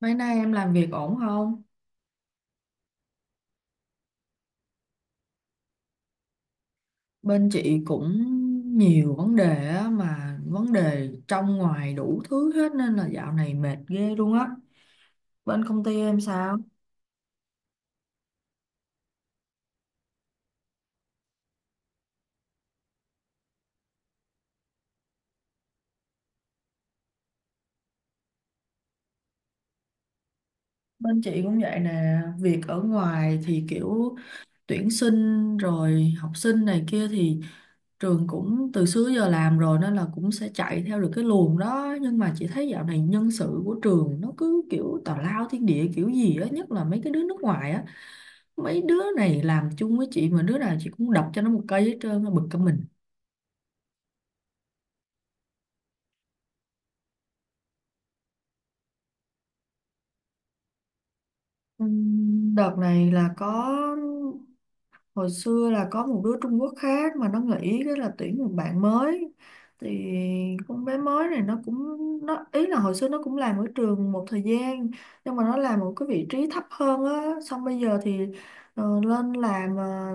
Mấy nay em làm việc ổn không? Bên chị cũng nhiều vấn đề á, mà vấn đề trong ngoài đủ thứ hết nên là dạo này mệt ghê luôn á. Bên công ty em sao? Bên chị cũng vậy nè, việc ở ngoài thì kiểu tuyển sinh rồi học sinh này kia thì trường cũng từ xưa giờ làm rồi nên là cũng sẽ chạy theo được cái luồng đó, nhưng mà chị thấy dạo này nhân sự của trường nó cứ kiểu tào lao thiên địa kiểu gì á, nhất là mấy cái đứa nước ngoài á. Mấy đứa này làm chung với chị mà đứa nào chị cũng đập cho nó một cây hết trơn, nó bực cả mình. Đợt này là có, hồi xưa là có một đứa Trung Quốc khác mà nó nghĩ cái là tuyển một bạn mới. Thì con bé mới này nó ý là hồi xưa nó cũng làm ở trường một thời gian, nhưng mà nó làm một cái vị trí thấp hơn á, xong bây giờ thì lên làm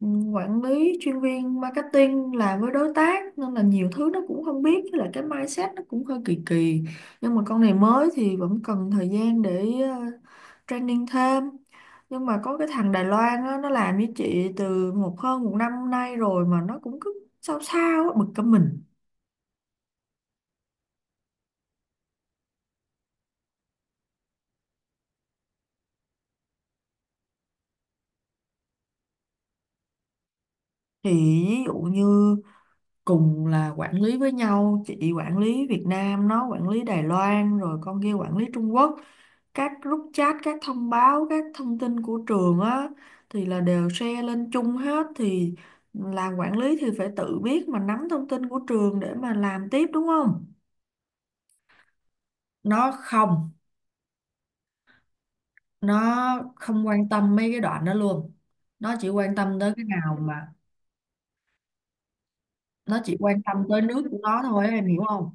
ừ, quản lý chuyên viên marketing làm với đối tác, nên là nhiều thứ nó cũng không biết, với lại cái mindset nó cũng hơi kỳ kỳ. Nhưng mà con này mới thì vẫn cần thời gian để training thêm. Nhưng mà có cái thằng Đài Loan á, nó làm với chị từ hơn một năm nay rồi mà nó cũng cứ sao sao á, bực cả mình. Thì ví dụ như cùng là quản lý với nhau, chị quản lý Việt Nam, nó quản lý Đài Loan, rồi con kia quản lý Trung Quốc. Các group chat, các thông báo, các thông tin của trường á thì là đều share lên chung hết. Thì làm quản lý thì phải tự biết mà nắm thông tin của trường để mà làm tiếp, đúng không? Nó không nó không quan tâm mấy cái đoạn đó luôn. nó chỉ quan tâm tới cái nào mà nó chỉ quan tâm tới nước của nó thôi, em hiểu không?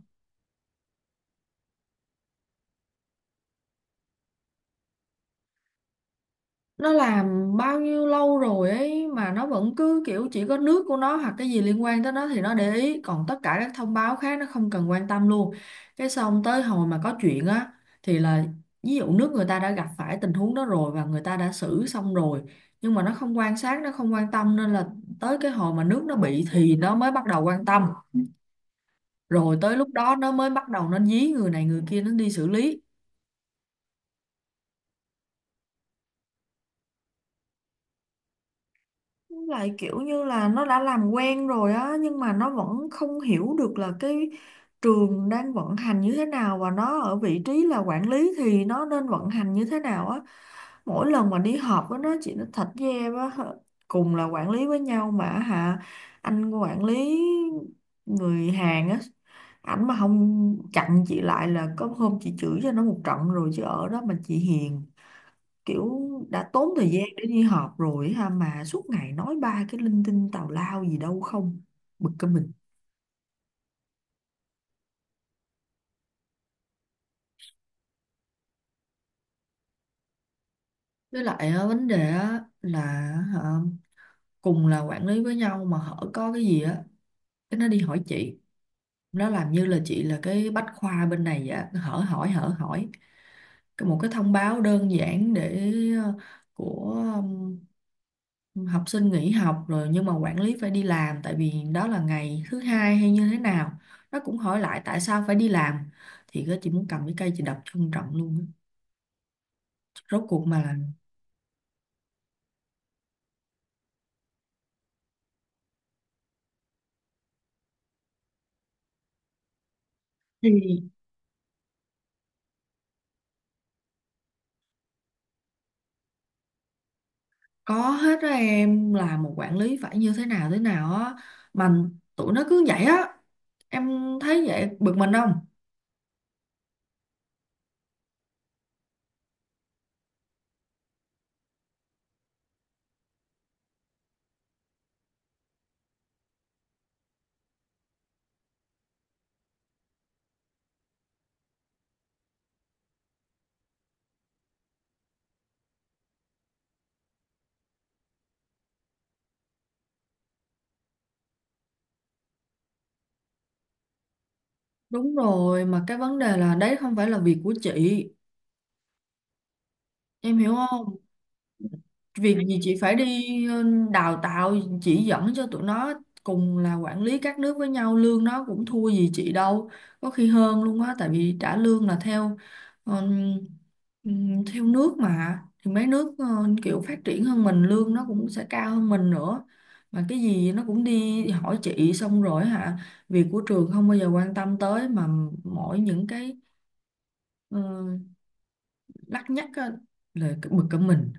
Nó làm bao nhiêu lâu rồi ấy mà nó vẫn cứ kiểu chỉ có nước của nó hoặc cái gì liên quan tới nó thì nó để ý, còn tất cả các thông báo khác nó không cần quan tâm luôn. Cái xong tới hồi mà có chuyện á, thì là ví dụ nước người ta đã gặp phải tình huống đó rồi và người ta đã xử xong rồi, nhưng mà nó không quan sát, nó không quan tâm, nên là tới cái hồi mà nước nó bị thì nó mới bắt đầu quan tâm, rồi tới lúc đó nó mới bắt đầu nó dí người này người kia nó đi xử lý. Lại kiểu như là nó đã làm quen rồi á, nhưng mà nó vẫn không hiểu được là cái trường đang vận hành như thế nào và nó ở vị trí là quản lý thì nó nên vận hành như thế nào á. Mỗi lần mà đi họp với nó, chị nó thật với em á, cùng là quản lý với nhau mà hả, anh quản lý người Hàn á, ảnh mà không chặn chị lại là có hôm chị chửi cho nó một trận rồi, chứ ở đó mà chị hiền. Kiểu đã tốn thời gian để đi họp rồi ha, mà suốt ngày nói ba cái linh tinh tào lao gì đâu không, bực cái mình. Với lại á, vấn đề á là hả, cùng là quản lý với nhau mà hở có cái gì á, cái nó đi hỏi chị. Nó làm như là chị là cái bách khoa bên này vậy á, cứ hở hỏi hở hỏi. Một cái thông báo đơn giản để ờ, của học sinh nghỉ học rồi, nhưng mà quản lý phải đi làm tại vì đó là ngày thứ hai hay như thế nào, nó cũng hỏi lại tại sao phải đi làm. Thì cái chị muốn cầm cái cây chị đập cho ông trọng luôn á. Rốt cuộc mà là, thì có hết đó em, là một quản lý phải như thế nào á, mà tụi nó cứ vậy á. Em thấy vậy bực mình không? Đúng rồi, mà cái vấn đề là đấy không phải là việc của chị, em hiểu không? Việc gì chị phải đi đào tạo, chỉ dẫn cho tụi nó. Cùng là quản lý các nước với nhau, lương nó cũng thua gì chị đâu, có khi hơn luôn á, tại vì trả lương là theo ờm, theo nước mà, thì mấy nước kiểu phát triển hơn mình, lương nó cũng sẽ cao hơn mình nữa. Mà cái gì nó cũng đi hỏi chị xong rồi hả, việc của trường không bao giờ quan tâm tới, mà mỗi những cái Ờ, đắt nhất á, là cái bực cả mình.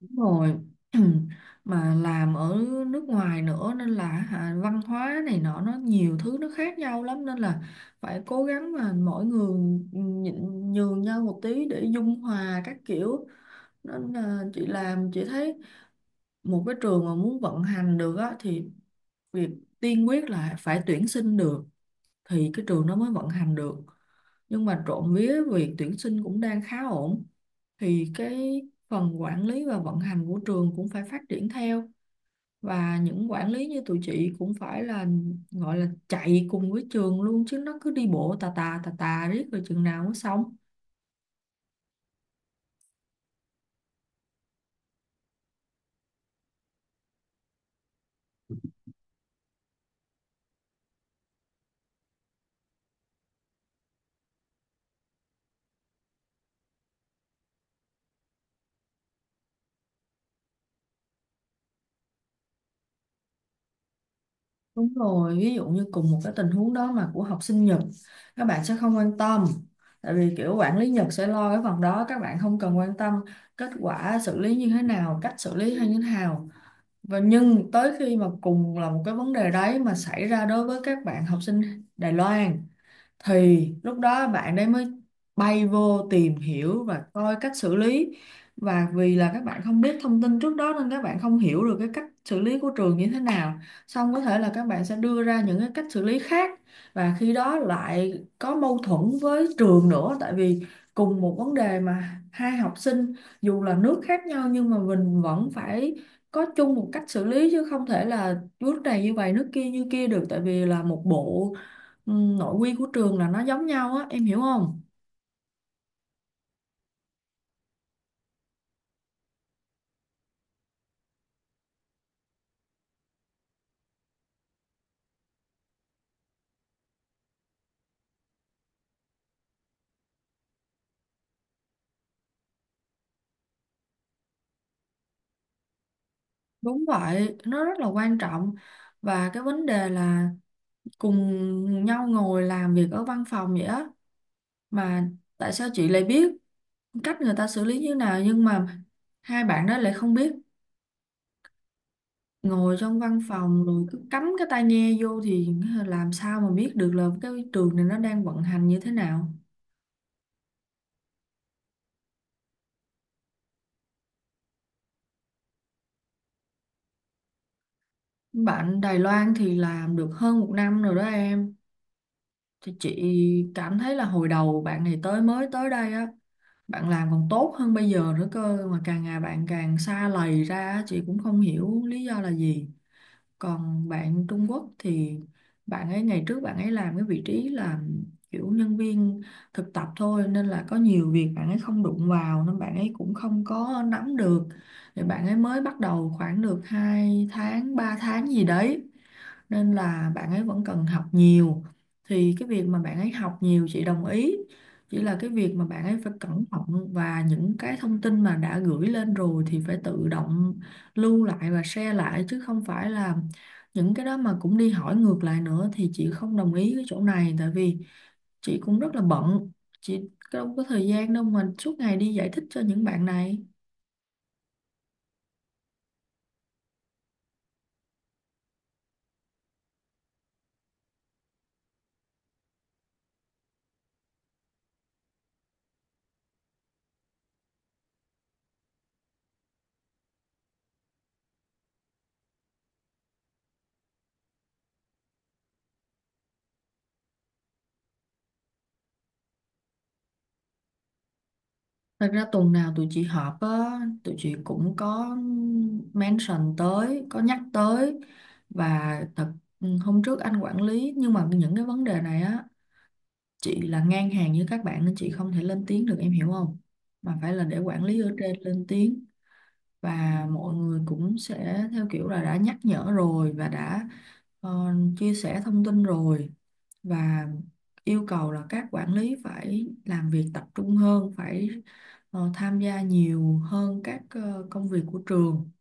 Đúng rồi. Mà làm ở nước ngoài nữa nên là hả, văn hóa này nọ nó nhiều thứ nó khác nhau lắm, nên là phải cố gắng mà mỗi người nhịn nhường nhau một tí để dung hòa các kiểu. Nên là chị làm chị thấy một cái trường mà muốn vận hành được á, thì việc tiên quyết là phải tuyển sinh được, thì cái trường nó mới vận hành được. Nhưng mà trộm vía việc tuyển sinh cũng đang khá ổn, thì cái phần quản lý và vận hành của trường cũng phải phát triển theo, và những quản lý như tụi chị cũng phải là gọi là chạy cùng với trường luôn, chứ nó cứ đi bộ tà tà tà tà riết rồi chừng nào mới xong. Đúng rồi, ví dụ như cùng một cái tình huống đó mà của học sinh Nhật, các bạn sẽ không quan tâm, tại vì kiểu quản lý Nhật sẽ lo cái phần đó, các bạn không cần quan tâm kết quả xử lý như thế nào, cách xử lý hay như thế nào. Và nhưng tới khi mà cùng là một cái vấn đề đấy mà xảy ra đối với các bạn học sinh Đài Loan, thì lúc đó bạn đấy mới bay vô tìm hiểu và coi cách xử lý. Và vì là các bạn không biết thông tin trước đó nên các bạn không hiểu được cái cách xử lý của trường như thế nào, xong có thể là các bạn sẽ đưa ra những cái cách xử lý khác, và khi đó lại có mâu thuẫn với trường nữa. Tại vì cùng một vấn đề mà hai học sinh dù là nước khác nhau nhưng mà mình vẫn phải có chung một cách xử lý, chứ không thể là nước này như vậy nước kia như kia được, tại vì là một bộ ừ, nội quy của trường là nó giống nhau á, em hiểu không? Đúng vậy, nó rất là quan trọng. Và cái vấn đề là cùng nhau ngồi làm việc ở văn phòng vậy á, mà tại sao chị lại biết cách người ta xử lý như nào, nhưng mà hai bạn đó lại không biết? Ngồi trong văn phòng rồi cứ cắm cái tai nghe vô thì làm sao mà biết được là cái trường này nó đang vận hành như thế nào. Bạn Đài Loan thì làm được hơn một năm rồi đó em. Thì chị cảm thấy là hồi đầu bạn này mới tới đây á, bạn làm còn tốt hơn bây giờ nữa cơ, mà càng ngày bạn càng xa lầy ra á, chị cũng không hiểu lý do là gì. Còn bạn Trung Quốc thì bạn ấy ngày trước bạn ấy làm cái vị trí là kiểu nhân viên thực tập thôi, nên là có nhiều việc bạn ấy không đụng vào nên bạn ấy cũng không có nắm được. Thì bạn ấy mới bắt đầu khoảng được 2 tháng 3 tháng gì đấy, nên là bạn ấy vẫn cần học nhiều. Thì cái việc mà bạn ấy học nhiều chị đồng ý, chỉ là cái việc mà bạn ấy phải cẩn thận và những cái thông tin mà đã gửi lên rồi thì phải tự động lưu lại và share lại, chứ không phải là những cái đó mà cũng đi hỏi ngược lại nữa, thì chị không đồng ý cái chỗ này. Tại vì chị cũng rất là bận, chị đâu có thời gian đâu mà suốt ngày đi giải thích cho những bạn này. Thật ra tuần nào tụi chị họp á, tụi chị cũng có mention tới, có nhắc tới. Và hôm trước anh quản lý, nhưng mà những cái vấn đề này á, chị là ngang hàng với các bạn nên chị không thể lên tiếng được, em hiểu không? Mà phải là để quản lý ở trên lên tiếng, và mọi người cũng sẽ theo kiểu là đã nhắc nhở rồi và đã chia sẻ thông tin rồi, và yêu cầu là các quản lý phải làm việc tập trung hơn, phải tham gia nhiều hơn các công việc của trường.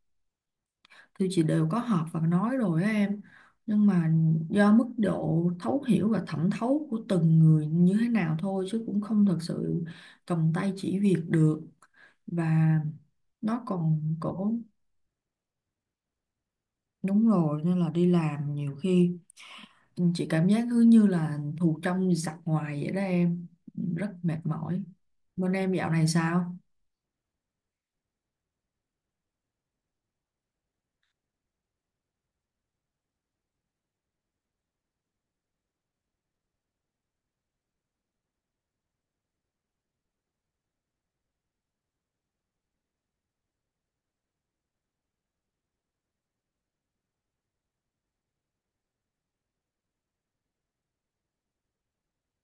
Thì chị đều có họp và nói rồi á em. Nhưng mà do mức độ thấu hiểu và thẩm thấu của từng người như thế nào thôi, chứ cũng không thật sự cầm tay chỉ việc được, và nó còn cổ. Đúng rồi, nên là đi làm nhiều khi chị cảm giác cứ như là thù trong giặc ngoài vậy đó em, rất mệt mỏi. Bên em dạo này sao?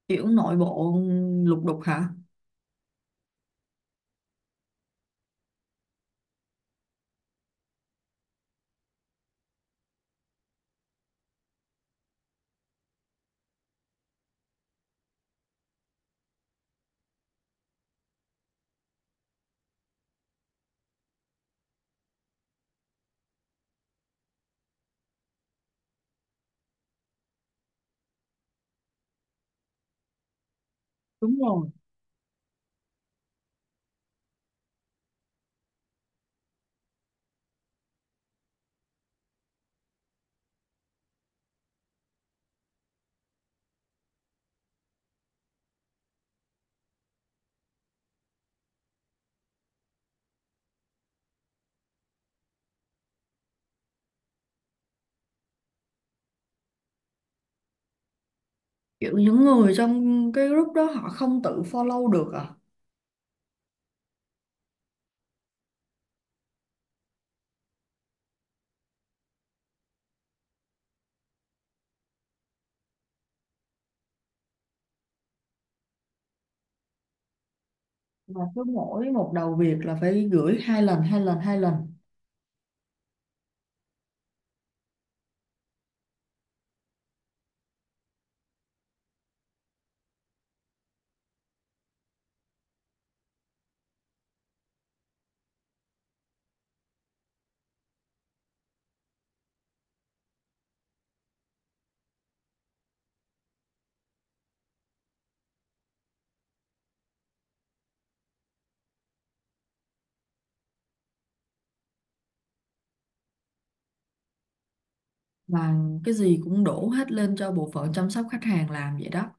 Kiểu nội bộ lục đục hả? Đúng rồi, kiểu những người trong cái group đó họ không tự follow được à. Mà cứ mỗi một đầu việc là phải gửi 2 lần 2 lần 2 lần. Mà cái gì cũng đổ hết lên cho bộ phận chăm sóc khách hàng làm vậy đó.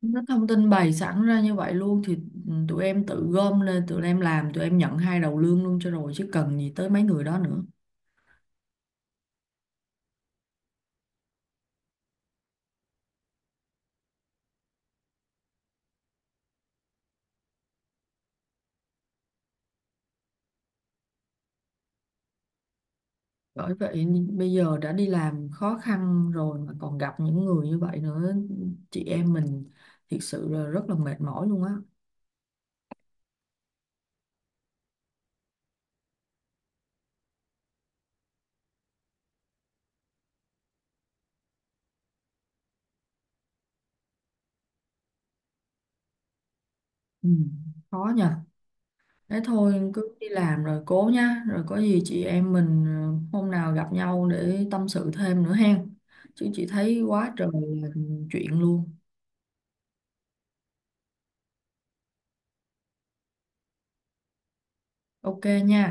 Nó thông tin bày sẵn ra như vậy luôn thì tụi em tự gom lên tụi em làm, tụi em nhận hai đầu lương luôn cho rồi, chứ cần gì tới mấy người đó nữa. Bởi vậy bây giờ đã đi làm khó khăn rồi mà còn gặp những người như vậy nữa, chị em mình thực sự là rất là mệt mỏi luôn á. Ừ, khó nha. Thế thôi cứ đi làm rồi cố nha, rồi có gì chị em mình hôm nào gặp nhau để tâm sự thêm nữa hen. Chứ chị thấy quá trời là chuyện luôn. Ok nha.